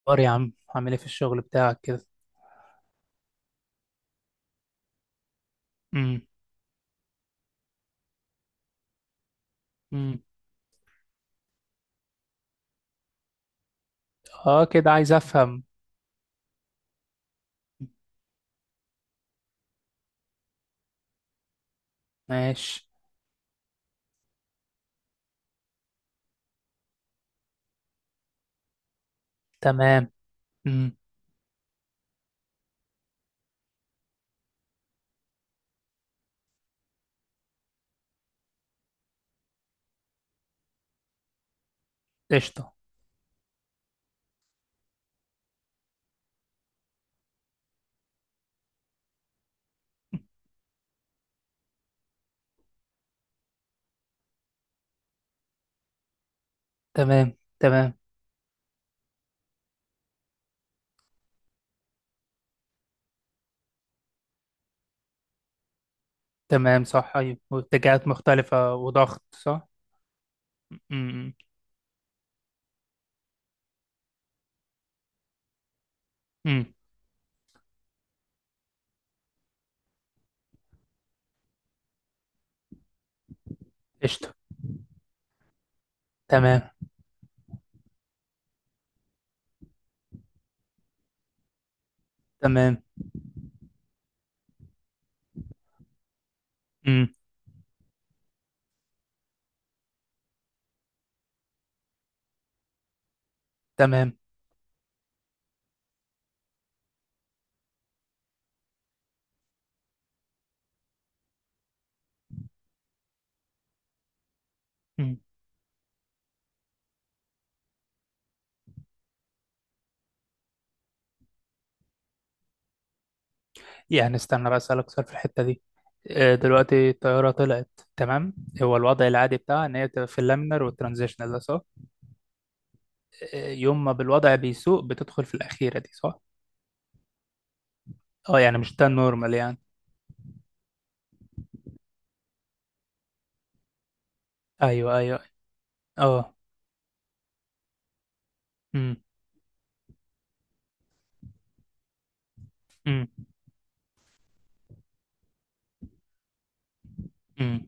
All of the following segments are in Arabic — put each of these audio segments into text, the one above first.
اخبار يا عم، عامل ايه في الشغل بتاعك كده؟ امم. امم. اه، كده عايز افهم. ماشي. تمام. امم. قشطه. تمام. تمام. تمام، صح، ايوه، واتجاهات مختلفه وضغط، صح. امم. امم. قشطه. تمام. تمام. امم. تمام. امم. يعني استنى بقى، اسالك سؤال في الحته دي. دلوقتي الطياره طلعت. تمام. هو الوضع العادي بتاعها ان هي تبقى في اللامينر والترانزيشنال ده، صح؟ آه، يوم ما بالوضع بيسوء بتدخل في الاخيره دي، صح؟ اه، يعني مش ده النورمال يعني؟ ايوه، ايوه. اه. امم. امم. امم.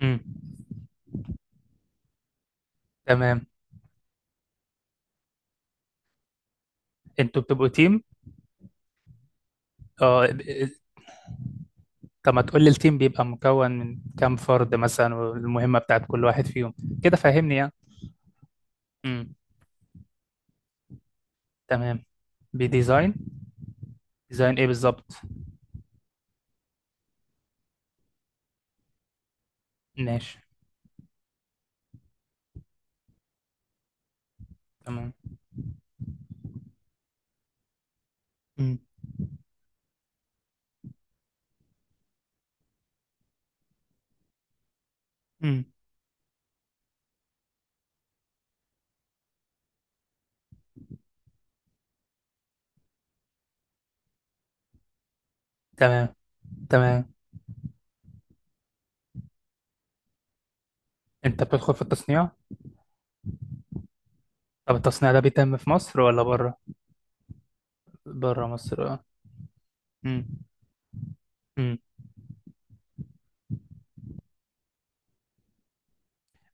امم. تمام. انتوا بتبقوا تيم؟ اه، طب ما تقول لي، التيم بيبقى مكون من كام فرد مثلا والمهمة بتاعت كل واحد فيهم؟ كده فاهمني يعني. امم. تمام. بديزاين. ديزاين ايه بالظبط؟ ماشي. تمام. امم. امم. تمام. تمام. انت بتدخل في التصنيع؟ طب التصنيع ده بيتم في مصر ولا بره؟ بره مصر، اه. امم. امم.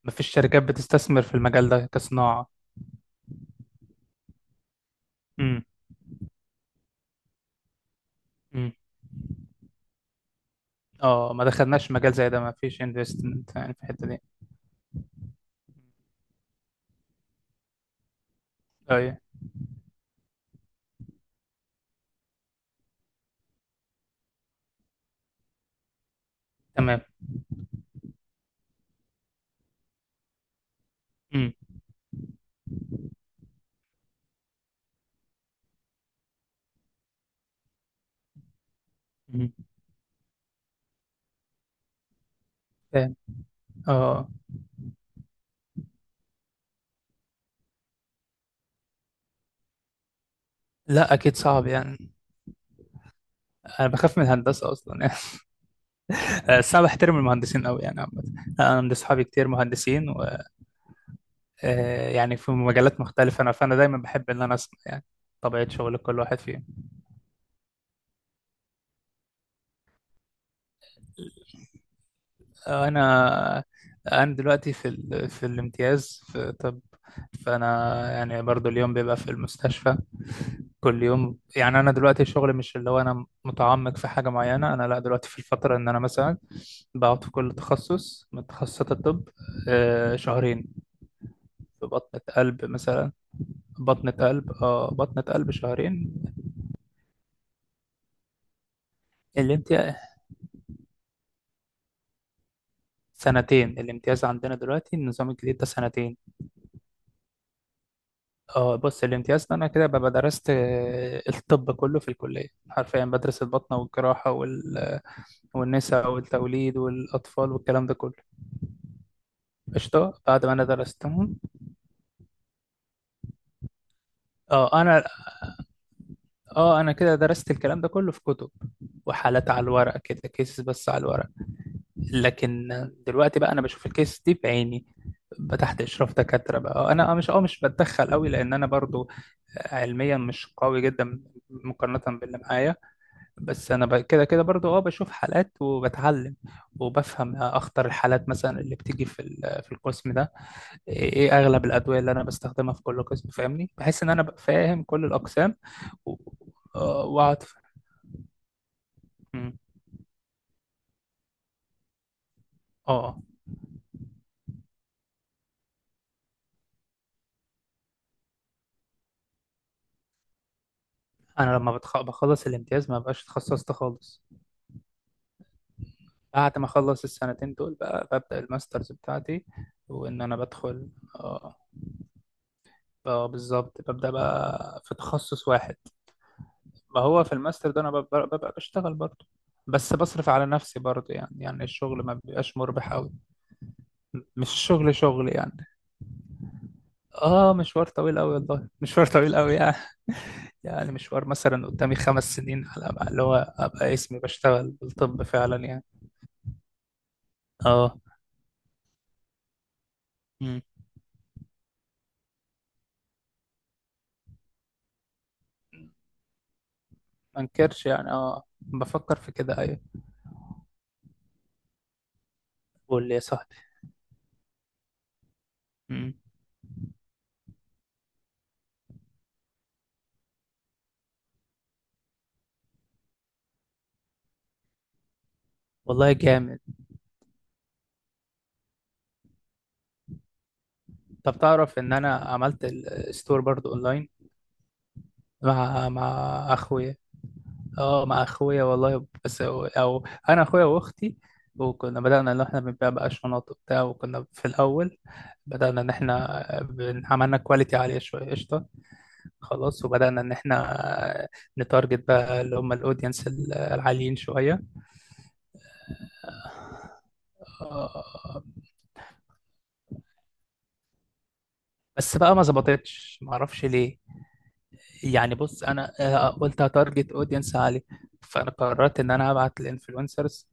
مفيش شركات بتستثمر في المجال ده كصناعة؟ امم. إمم. اه، ما دخلناش مجال زي ده، ما فيش انفستمنت يعني في الحته دي. ايوه. تمام. امم. أمم. فاهم. اه. لا، اكيد صعب يعني. انا بخاف من الهندسه اصلا يعني. بس انا بحترم المهندسين قوي يعني عامه. انا عندي اصحابي كتير مهندسين و... يعني في مجالات مختلفه، فانا دايما بحب ان انا اسمع يعني. طبيعه شغل كل واحد فيهم. آه، انا انا دلوقتي في الامتياز في طب. فانا يعني برضو اليوم بيبقى في المستشفى. كل يوم يعني انا دلوقتي الشغل مش اللي هو انا متعمق في حاجه معينه، انا لا، دلوقتي في الفتره ان انا مثلا بقعد في كل تخصص من تخصصات الطب. شهرين. في بطنه قلب مثلا. بطنه قلب، بطنه قلب شهرين. الامتياز. سنتين الامتياز عندنا دلوقتي، النظام الجديد ده سنتين. اه، بص، الامتياز ده انا كده ببقى درست الطب كله في الكليه، حرفيا بدرس البطنه والجراحه والنساء والتوليد والاطفال والكلام ده كله. قشطه بعد ما انا درستهم. اه انا اه انا كده درست الكلام ده كله في كتب وحالات على الورق، كده كيسز بس على الورق. لكن دلوقتي بقى انا بشوف الكيس دي بعيني، بقى تحت اشراف دكاتره بقى. انا مش بتدخل قوي لان انا برضو علميا مش قوي جدا مقارنه باللي معايا. بس انا كده كده برضو بشوف حالات وبتعلم، وبفهم اخطر الحالات مثلا اللي بتيجي في القسم ده. إيه اغلب الادويه اللي انا بستخدمها في كل قسم، فاهمني، بحس ان انا ببقى فاهم كل الاقسام و- آه، واقعد ف- مم. اه. آه. انا لما بخلص الامتياز، ما بقاش اتخصصت خالص. بعد ما اخلص السنتين دول بقى ببدا الماسترز بتاعتي، وان انا بدخل. اه. بالظبط، ببدا بقى في تخصص واحد. ما هو في الماستر ده انا ببقى بشتغل برضه، بس بصرف على نفسي برضه يعني الشغل ما بيبقاش مربح قوي. مش الشغل شغل يعني. اه، مشوار طويل قوي، والله مشوار طويل قوي يعني. يعني مشوار مثلا قدامي 5 سنين على اللي هو ابقى اسمي بشتغل بالطب فعلا يعني. اه. امم. ما انكرش يعني، بفكر في كده، ايوه. قول لي يا صاحبي. امم. والله جامد. طب تعرف ان انا عملت الستور برضو اونلاين؟ مع اخويا. اه، مع اخويا والله، بس او انا اخويا واختي. وكنا بدأنا ان احنا بنبيع بقى شنط وبتاع، وكنا في الاول بدأنا ان احنا عملنا كواليتي عالية شوية. قشطة. خلاص، وبدأنا ان احنا نتارجت بقى اللي هم الاودينس العاليين شوية. آه، بس بقى ما ظبطتش، ما اعرفش ليه يعني. بص انا، قلت هتارجت اودينس عالي. فانا قررت ان انا ابعت للانفلونسرز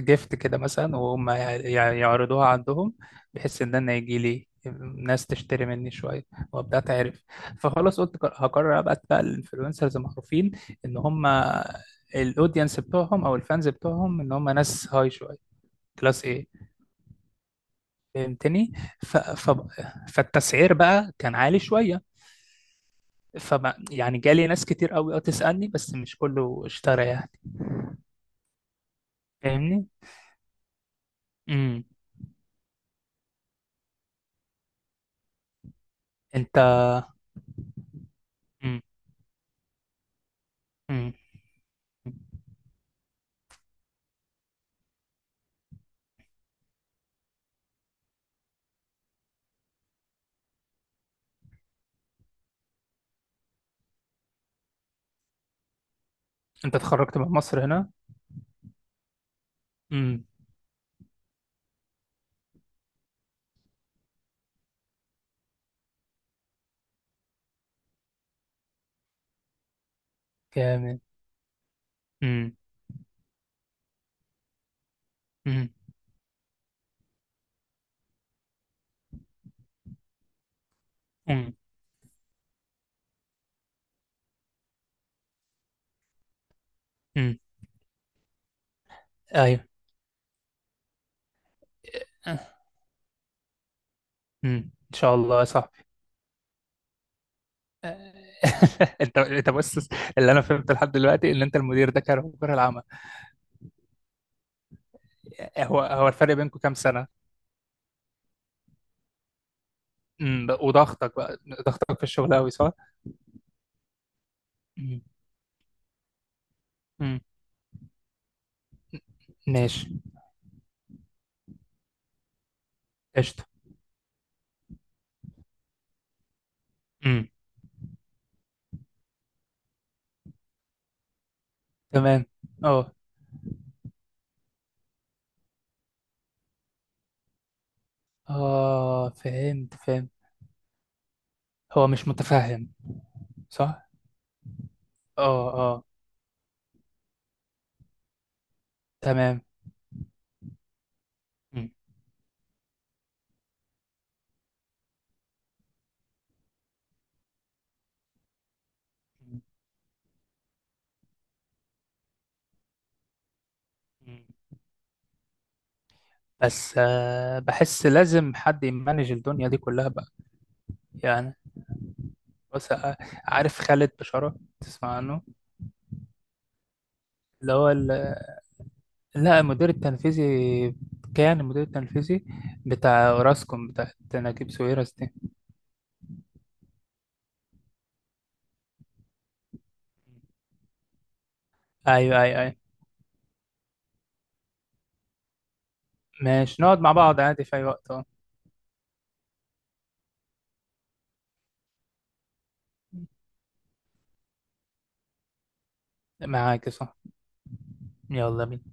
جيفت كده مثلا، وهم يعرضوها عندهم، بحيث ان انا يجي لي ناس تشتري مني شويه، وابدا اتعرف. فخلاص قلت هقرر ابعت بقى للانفلونسرز معروفين، ان هم الاودينس بتوعهم او الفانز بتوعهم ان هم ناس هاي شويه، كلاس. ايه فهمتني؟ ف... ف... فالتسعير بقى كان عالي شويه. فما يعني جالي ناس كتير قوي، تسألني، بس مش كله اشترى يعني، فاهمني. امم. انت. امم. امم. انت اتخرجت من مصر هنا؟ امم. جامد. امم. امم. امم. امم. ايوه. امم، ان شاء الله يا صاحبي. آه. انت بص، اللي انا فهمته لحد دلوقتي ان انت المدير ده كان مجرى العمل. هو الفرق بينكم كام سنة؟ امم، وضغطك بقى. ضغطك في الشغل قوي، صح؟ امم. امم. ماشي. قشطة. امم. تمام. اه. اه. فهمت، فهمت. هو مش متفهم، صح؟ اه. اه. تمام. مم. مم. بس بحس لازم حد يمانج الدنيا دي كلها بقى يعني. بس آه، عارف خالد بشارة تسمع عنه؟ اللي هو ال- لا، المدير التنفيذي، كان المدير التنفيذي بتاع اوراسكوم، بتاع نجيب ساويرس دي. ايوه، ايوه، ايوه. ماشي، نقعد مع بعض عادي في اي وقت، اه. معاك صح. يلا بينا.